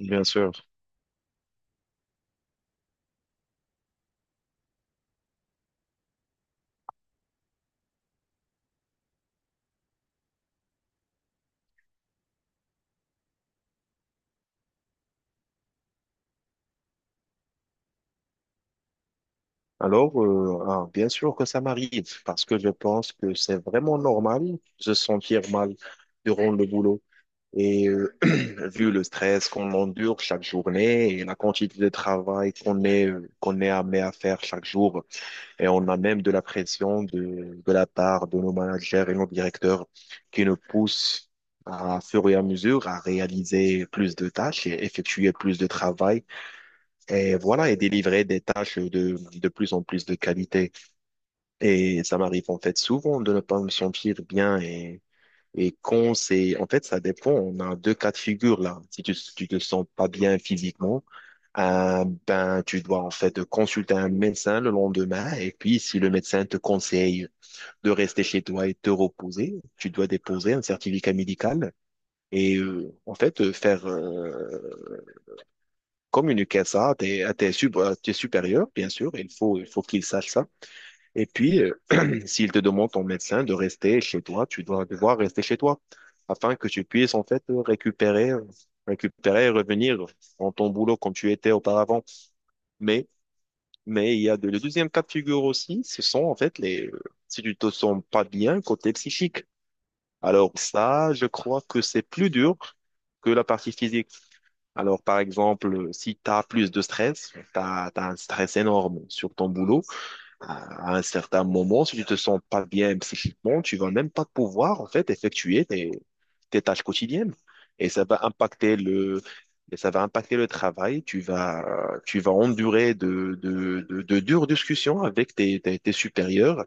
Bien sûr. Alors, bien sûr que ça m'arrive, parce que je pense que c'est vraiment normal de se sentir mal durant le boulot. Et euh, vu le stress qu'on endure chaque journée et la quantité de travail qu'on est amené à faire chaque jour, et on a même de la pression de la part de nos managers et nos directeurs qui nous poussent à, fur et à mesure à réaliser plus de tâches et effectuer plus de travail. Et voilà, et délivrer des tâches de plus en plus de qualité. Et ça m'arrive en fait souvent de ne pas me sentir bien et quand c'est, en fait, ça dépend. On a deux cas de figure là. Si tu te sens pas bien physiquement, ben, tu dois en fait consulter un médecin le lendemain et puis si le médecin te conseille de rester chez toi et te reposer, tu dois déposer un certificat médical et en fait faire communiquer ça à tes supérieurs, bien sûr, il faut qu'ils sachent ça. Et puis, s'il te demande ton médecin de rester chez toi, tu dois devoir rester chez toi afin que tu puisses en fait récupérer, récupérer et revenir dans ton boulot comme tu étais auparavant. Mais, mais il y a le deuxième cas de figure aussi, ce sont en fait si tu te sens pas bien côté psychique. Alors ça, je crois que c'est plus dur que la partie physique. Alors, par exemple, si tu as plus de stress, tu as un stress énorme sur ton boulot, à un certain moment, si tu te sens pas bien psychiquement, tu vas même pas pouvoir, en fait, effectuer tes tâches quotidiennes. Et ça va impacter le, et ça va impacter le travail. Tu vas endurer de dures discussions avec tes supérieurs,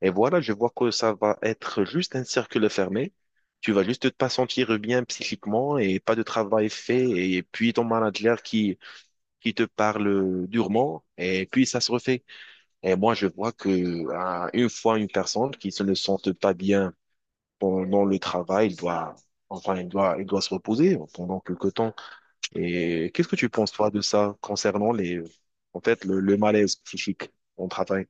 et voilà, je vois que ça va être juste un cercle fermé. Tu vas juste pas sentir bien psychiquement et pas de travail fait. Et puis ton manager qui te parle durement. Et puis ça se refait. Et moi, je vois que une fois une personne qui se ne sente pas bien pendant le travail, il doit, enfin, il doit se reposer pendant quelque temps. Et qu'est-ce que tu penses, toi, de ça concernant en fait, le malaise psychique au travail?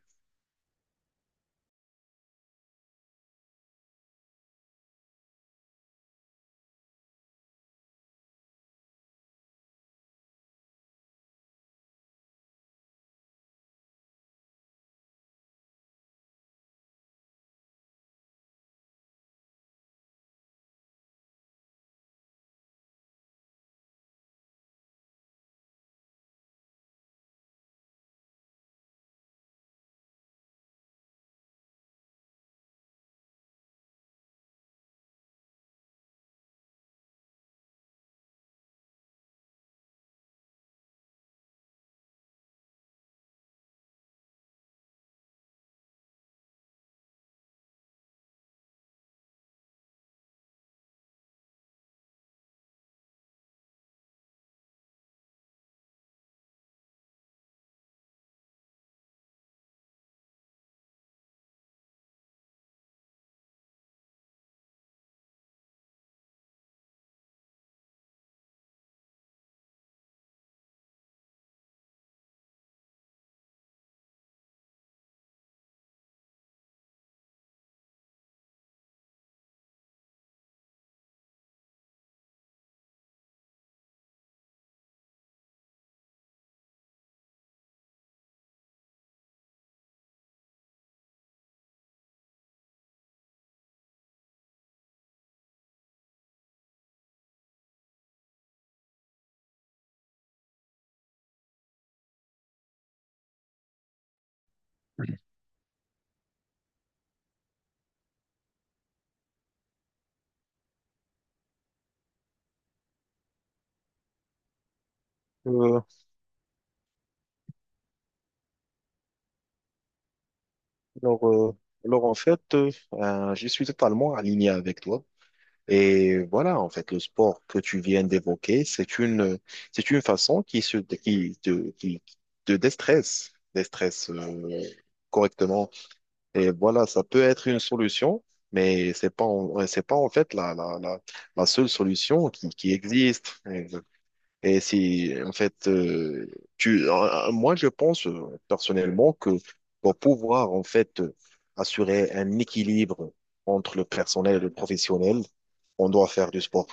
Euh, Alors, euh, alors en fait, je suis totalement aligné avec toi. Et voilà, en fait, le sport que tu viens d'évoquer, c'est une façon qui te déstresse, déstresse correctement. Et voilà, ça peut être une solution, mais c'est pas, en- ouais, c'est pas en fait la seule solution qui existe. Et si, en fait, moi, je pense personnellement que pour pouvoir, en fait, assurer un équilibre entre le personnel et le professionnel, on doit faire du sport.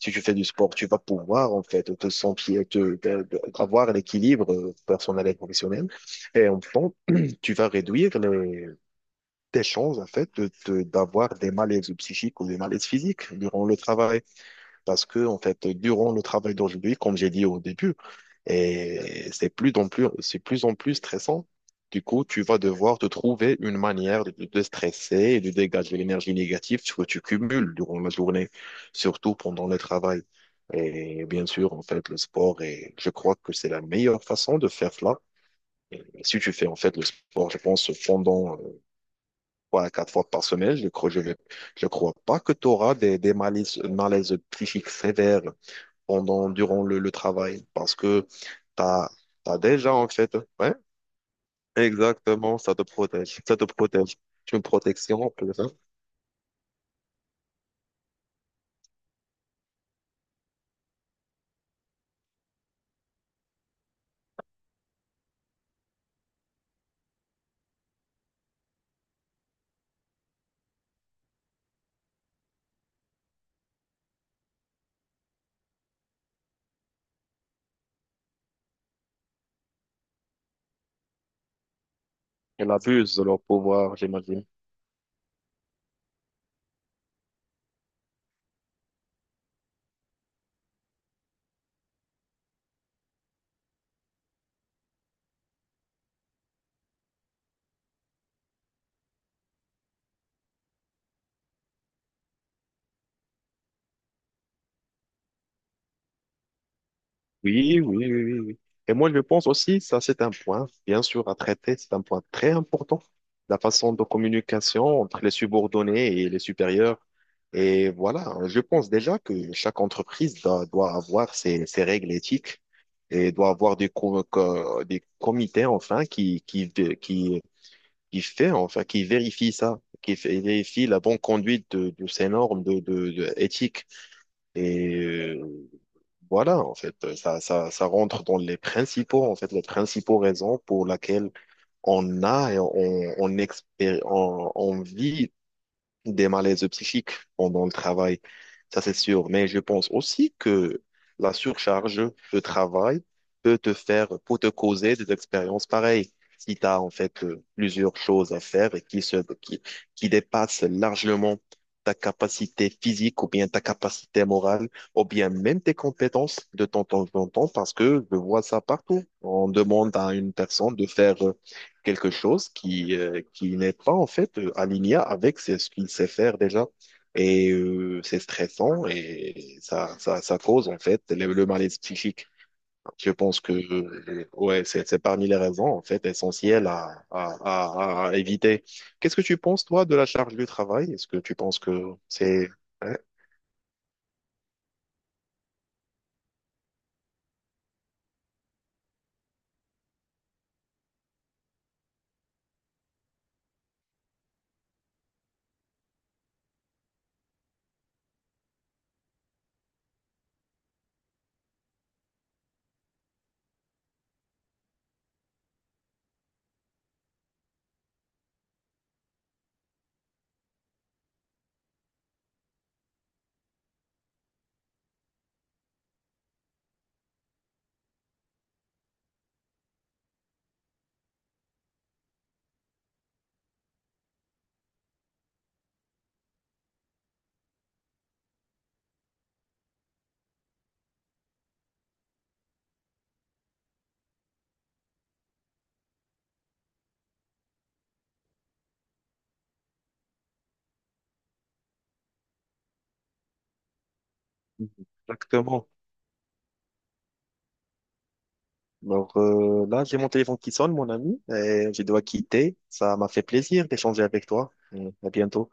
Si tu fais du sport, tu vas pouvoir, en fait, te sentir, te- te- avoir l'équilibre personnel et professionnel. Et en fait, tu vas réduire tes chances, en fait, d'avoir des malaises psychiques ou des malaises physiques durant le travail. Parce que, en fait, durant le travail d'aujourd'hui, comme j'ai dit au début, c'est plus en plus stressant. Du coup, tu vas devoir te trouver une manière de te de stresser et de dégager l'énergie négative que tu cumules durant la journée, surtout pendant le travail. Et bien sûr, en fait, le sport et je crois que c'est la meilleure façon de faire cela. Si tu fais, en fait, le sport, je pense, pendant trois à quatre fois par semaine, je crois pas que tu auras des malaises, malaises psychiques sévères durant le travail parce que t'as, t'as déjà, en fait. Ouais, exactement, ça te protège. Ça te protège. C'est une protection, on peut dire. Elle abuse de leur pouvoir, j'imagine. Oui, oui, oui, oui, oui. Et moi, je pense aussi, ça, c'est un point, bien sûr, à traiter. C'est un point très important. La façon de communication entre les subordonnés et les supérieurs. Et voilà, je pense déjà que chaque entreprise doit avoir ses règles éthiques et doit avoir des comités enfin qui vérifie ça, vérifie la bonne conduite de ces normes de éthique. Et euh, voilà, en fait, ça rentre dans les principaux raisons pour laquelle on a et on, expé- on vit des malaises psychiques pendant le travail, ça c'est sûr. Mais je pense aussi que la surcharge de travail peut te causer des expériences pareilles. Si tu as en fait plusieurs choses à faire et qui dépassent largement ta capacité physique ou bien ta capacité morale ou bien même tes compétences de temps en temps, parce que je vois ça partout. On demande à une personne de faire quelque chose qui n'est pas en fait aligné avec ce qu'il sait faire déjà. C'est stressant et ça cause en fait le malaise psychique. Je pense que ouais, c'est parmi les raisons en fait essentielles à éviter. Qu'est-ce que tu penses toi de la charge du travail? Est-ce que tu penses que c'est... Ouais, exactement. Alors là, j'ai mon téléphone qui sonne, mon ami, et je dois quitter. Ça m'a fait plaisir d'échanger avec toi. Mm, à bientôt.